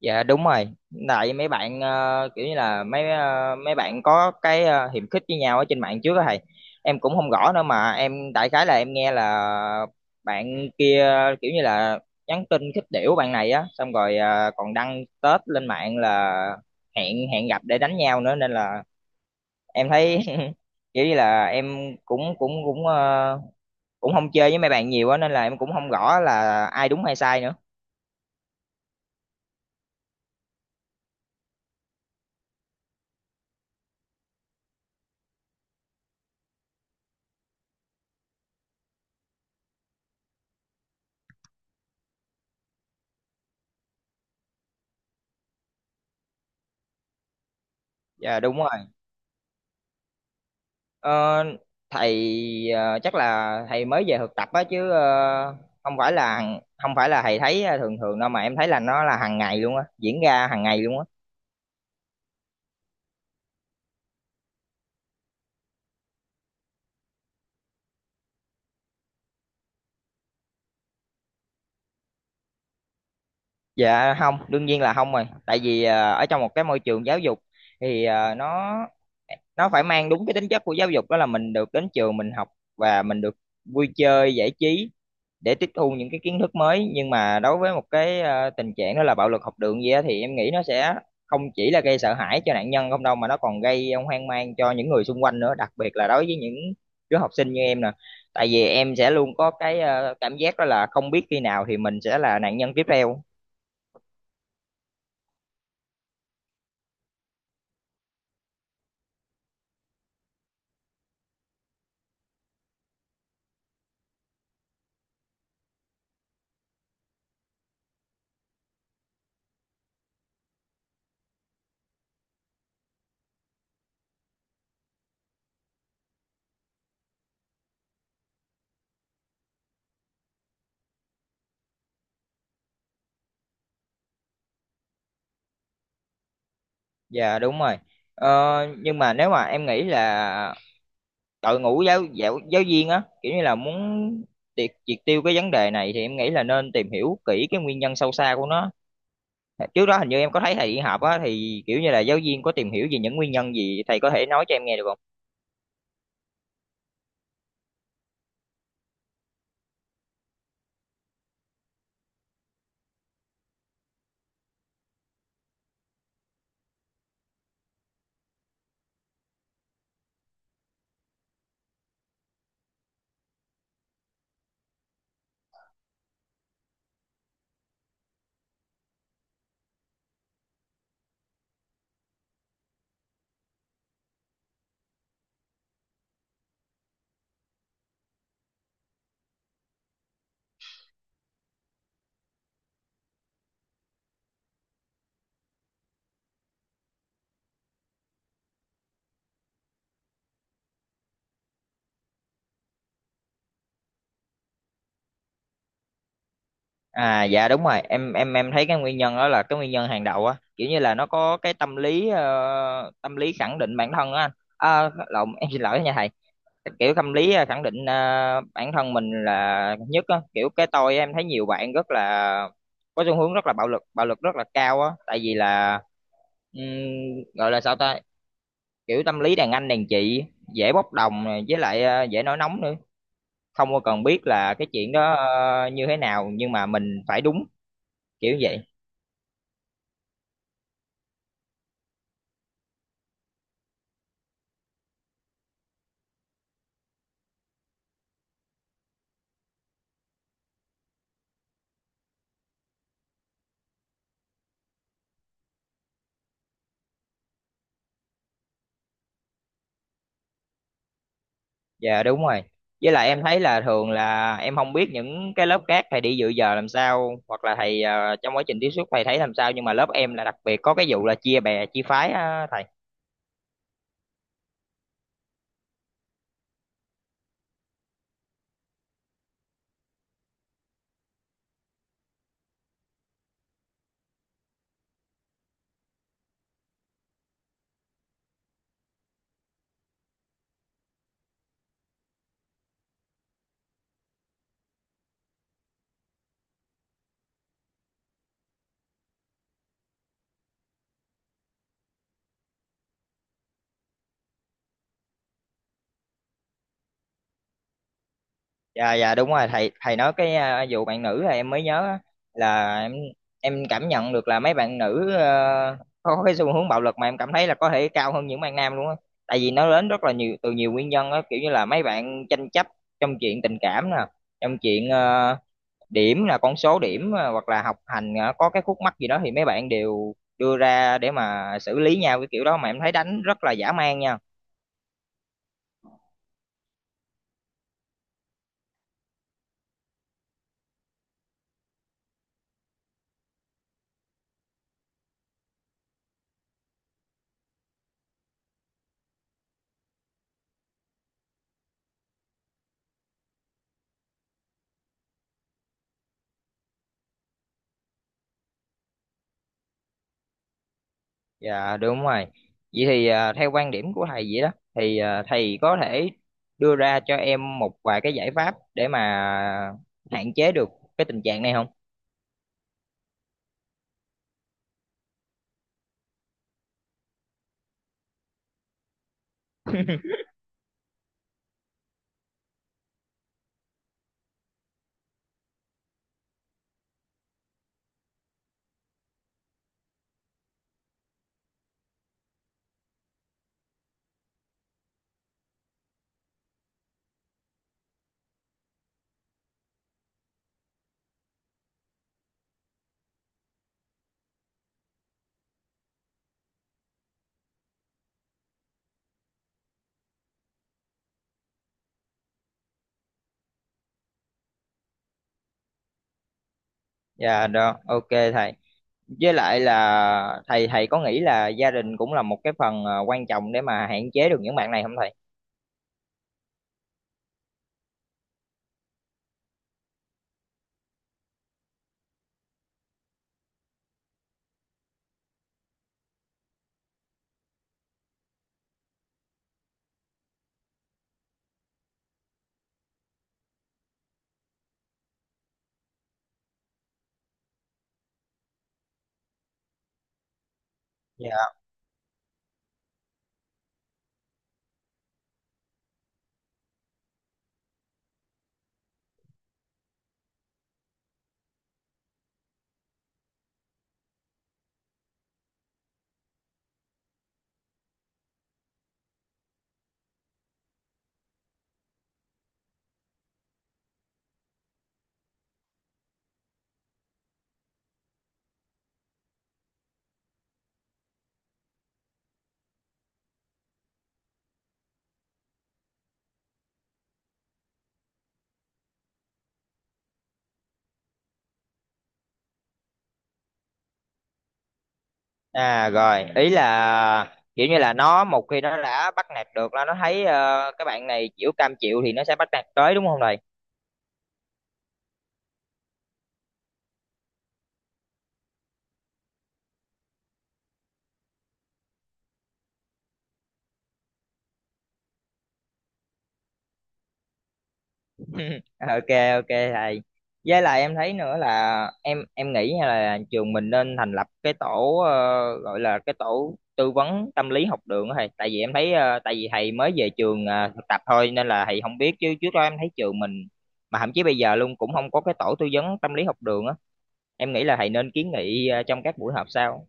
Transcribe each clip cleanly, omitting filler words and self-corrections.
Dạ đúng rồi. Tại mấy bạn kiểu như là mấy bạn có hiềm khích với nhau ở trên mạng trước đó thầy. Em cũng không rõ nữa mà em đại khái là em nghe là bạn kia kiểu như là nhắn tin khích đểu bạn này á, xong rồi còn đăng tết lên mạng là hẹn hẹn gặp để đánh nhau nữa nên là em thấy kiểu như là em cũng cũng cũng ờ, cũng không chơi với mấy bạn nhiều á nên là em cũng không rõ là ai đúng hay sai nữa. Dạ đúng rồi. Ờ, thầy Chắc là thầy mới về thực tập á chứ không phải là không phải là thầy thấy thường thường đâu mà em thấy là nó là hàng ngày luôn á diễn ra hàng ngày luôn á. Dạ không, đương nhiên là không rồi, tại vì ở trong một cái môi trường giáo dục thì nó phải mang đúng cái tính chất của giáo dục, đó là mình được đến trường mình học và mình được vui chơi giải trí để tiếp thu những cái kiến thức mới. Nhưng mà đối với một cái tình trạng đó là bạo lực học đường gì á thì em nghĩ nó sẽ không chỉ là gây sợ hãi cho nạn nhân không đâu, mà nó còn gây hoang mang cho những người xung quanh nữa, đặc biệt là đối với những đứa học sinh như em nè. Tại vì em sẽ luôn có cái cảm giác đó là không biết khi nào thì mình sẽ là nạn nhân tiếp theo. Dạ đúng rồi. Ờ, nhưng mà nếu mà em nghĩ là đội ngũ giáo giáo giáo viên á, kiểu như là muốn triệt triệt tiêu cái vấn đề này, thì em nghĩ là nên tìm hiểu kỹ cái nguyên nhân sâu xa của nó. Trước đó hình như em có thấy thầy đi họp á, thì kiểu như là giáo viên có tìm hiểu về những nguyên nhân gì, thầy có thể nói cho em nghe được không? À, dạ đúng rồi, em thấy cái nguyên nhân đó là cái nguyên nhân hàng đầu á, kiểu như là nó có cái tâm lý tâm lý khẳng định bản thân á. Lộn, em xin lỗi nha thầy. Kiểu tâm lý khẳng định bản thân mình là nhất á, kiểu cái tôi. Em thấy nhiều bạn rất là có xu hướng rất là bạo lực, bạo lực rất là cao á, tại vì là ừm, gọi là sao ta, kiểu tâm lý đàn anh đàn chị, dễ bốc đồng này, với lại dễ nổi nóng nữa, không có cần biết là cái chuyện đó như thế nào nhưng mà mình phải đúng, kiểu vậy. Dạ đúng rồi. Với lại em thấy là thường là em không biết những cái lớp khác thầy đi dự giờ làm sao, hoặc là thầy trong quá trình tiếp xúc thầy thấy làm sao, nhưng mà lớp em là đặc biệt có cái vụ là chia bè chia phái á thầy. Dạ dạ đúng rồi, thầy thầy nói cái vụ bạn nữ là em mới nhớ á, là em cảm nhận được là mấy bạn nữ có cái xu hướng bạo lực mà em cảm thấy là có thể cao hơn những bạn nam luôn á. Tại vì nó đến rất là nhiều từ nhiều nguyên nhân á, kiểu như là mấy bạn tranh chấp trong chuyện tình cảm nè, trong chuyện điểm, là con số điểm hoặc là học hành có cái khúc mắc gì đó thì mấy bạn đều đưa ra để mà xử lý nhau cái kiểu đó, mà em thấy đánh rất là dã man nha. Dạ đúng rồi. Vậy thì theo quan điểm của thầy vậy đó thì thầy có thể đưa ra cho em một vài cái giải pháp để mà hạn chế được cái tình trạng này không? Dạ đó, ok thầy. Với lại là thầy thầy có nghĩ là gia đình cũng là một cái phần quan trọng để mà hạn chế được những bạn này không thầy? À rồi, ý là kiểu như là nó một khi nó đã bắt nạt được là nó thấy cái bạn này chịu, cam chịu, thì nó sẽ bắt nạt tới, đúng không thầy? Ok, ok thầy. Với lại em thấy nữa là em nghĩ nha, là trường mình nên thành lập cái tổ gọi là cái tổ tư vấn tâm lý học đường á thầy. Tại vì em thấy tại vì thầy mới về trường thực tập thôi nên là thầy không biết, chứ trước đó em thấy trường mình mà thậm chí bây giờ luôn cũng không có cái tổ tư vấn tâm lý học đường á. Em nghĩ là thầy nên kiến nghị trong các buổi họp sau.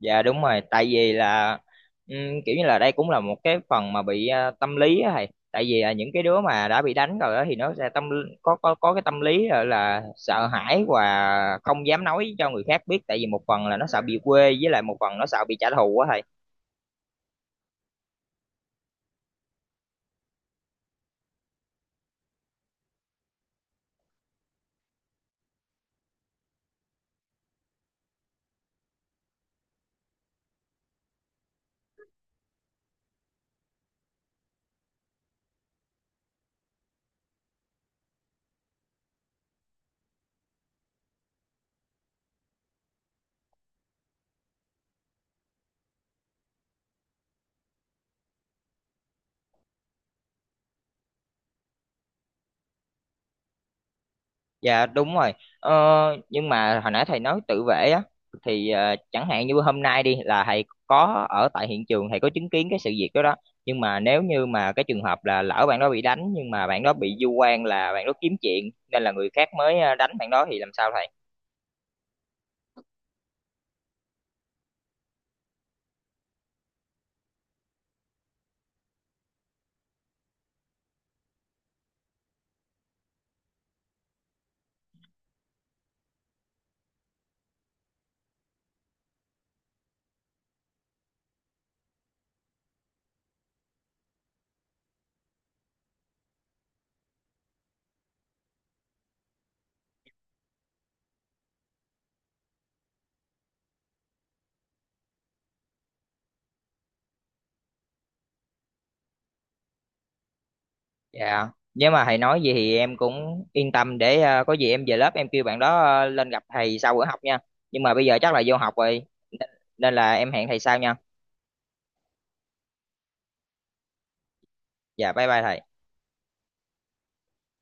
Dạ đúng rồi, tại vì là ừm, kiểu như là đây cũng là một cái phần mà bị tâm lý á thầy. Tại vì là những cái đứa mà đã bị đánh rồi á thì nó sẽ có cái tâm lý là sợ hãi và không dám nói cho người khác biết, tại vì một phần là nó sợ bị quê, với lại một phần nó sợ bị trả thù á thầy. Dạ đúng rồi. Ờ, nhưng mà hồi nãy thầy nói tự vệ á, thì chẳng hạn như hôm nay đi là thầy có ở tại hiện trường, thầy có chứng kiến cái sự việc đó đó. Nhưng mà nếu như mà cái trường hợp là lỡ bạn đó bị đánh nhưng mà bạn đó bị vu oan là bạn đó kiếm chuyện, nên là người khác mới đánh bạn đó, thì làm sao thầy? Dạ. Nếu mà thầy nói gì thì em cũng yên tâm để có gì em về lớp em kêu bạn đó lên gặp thầy sau bữa học nha. Nhưng mà bây giờ chắc là vô học rồi nên nên là em hẹn thầy sau nha. Dạ bye bye thầy.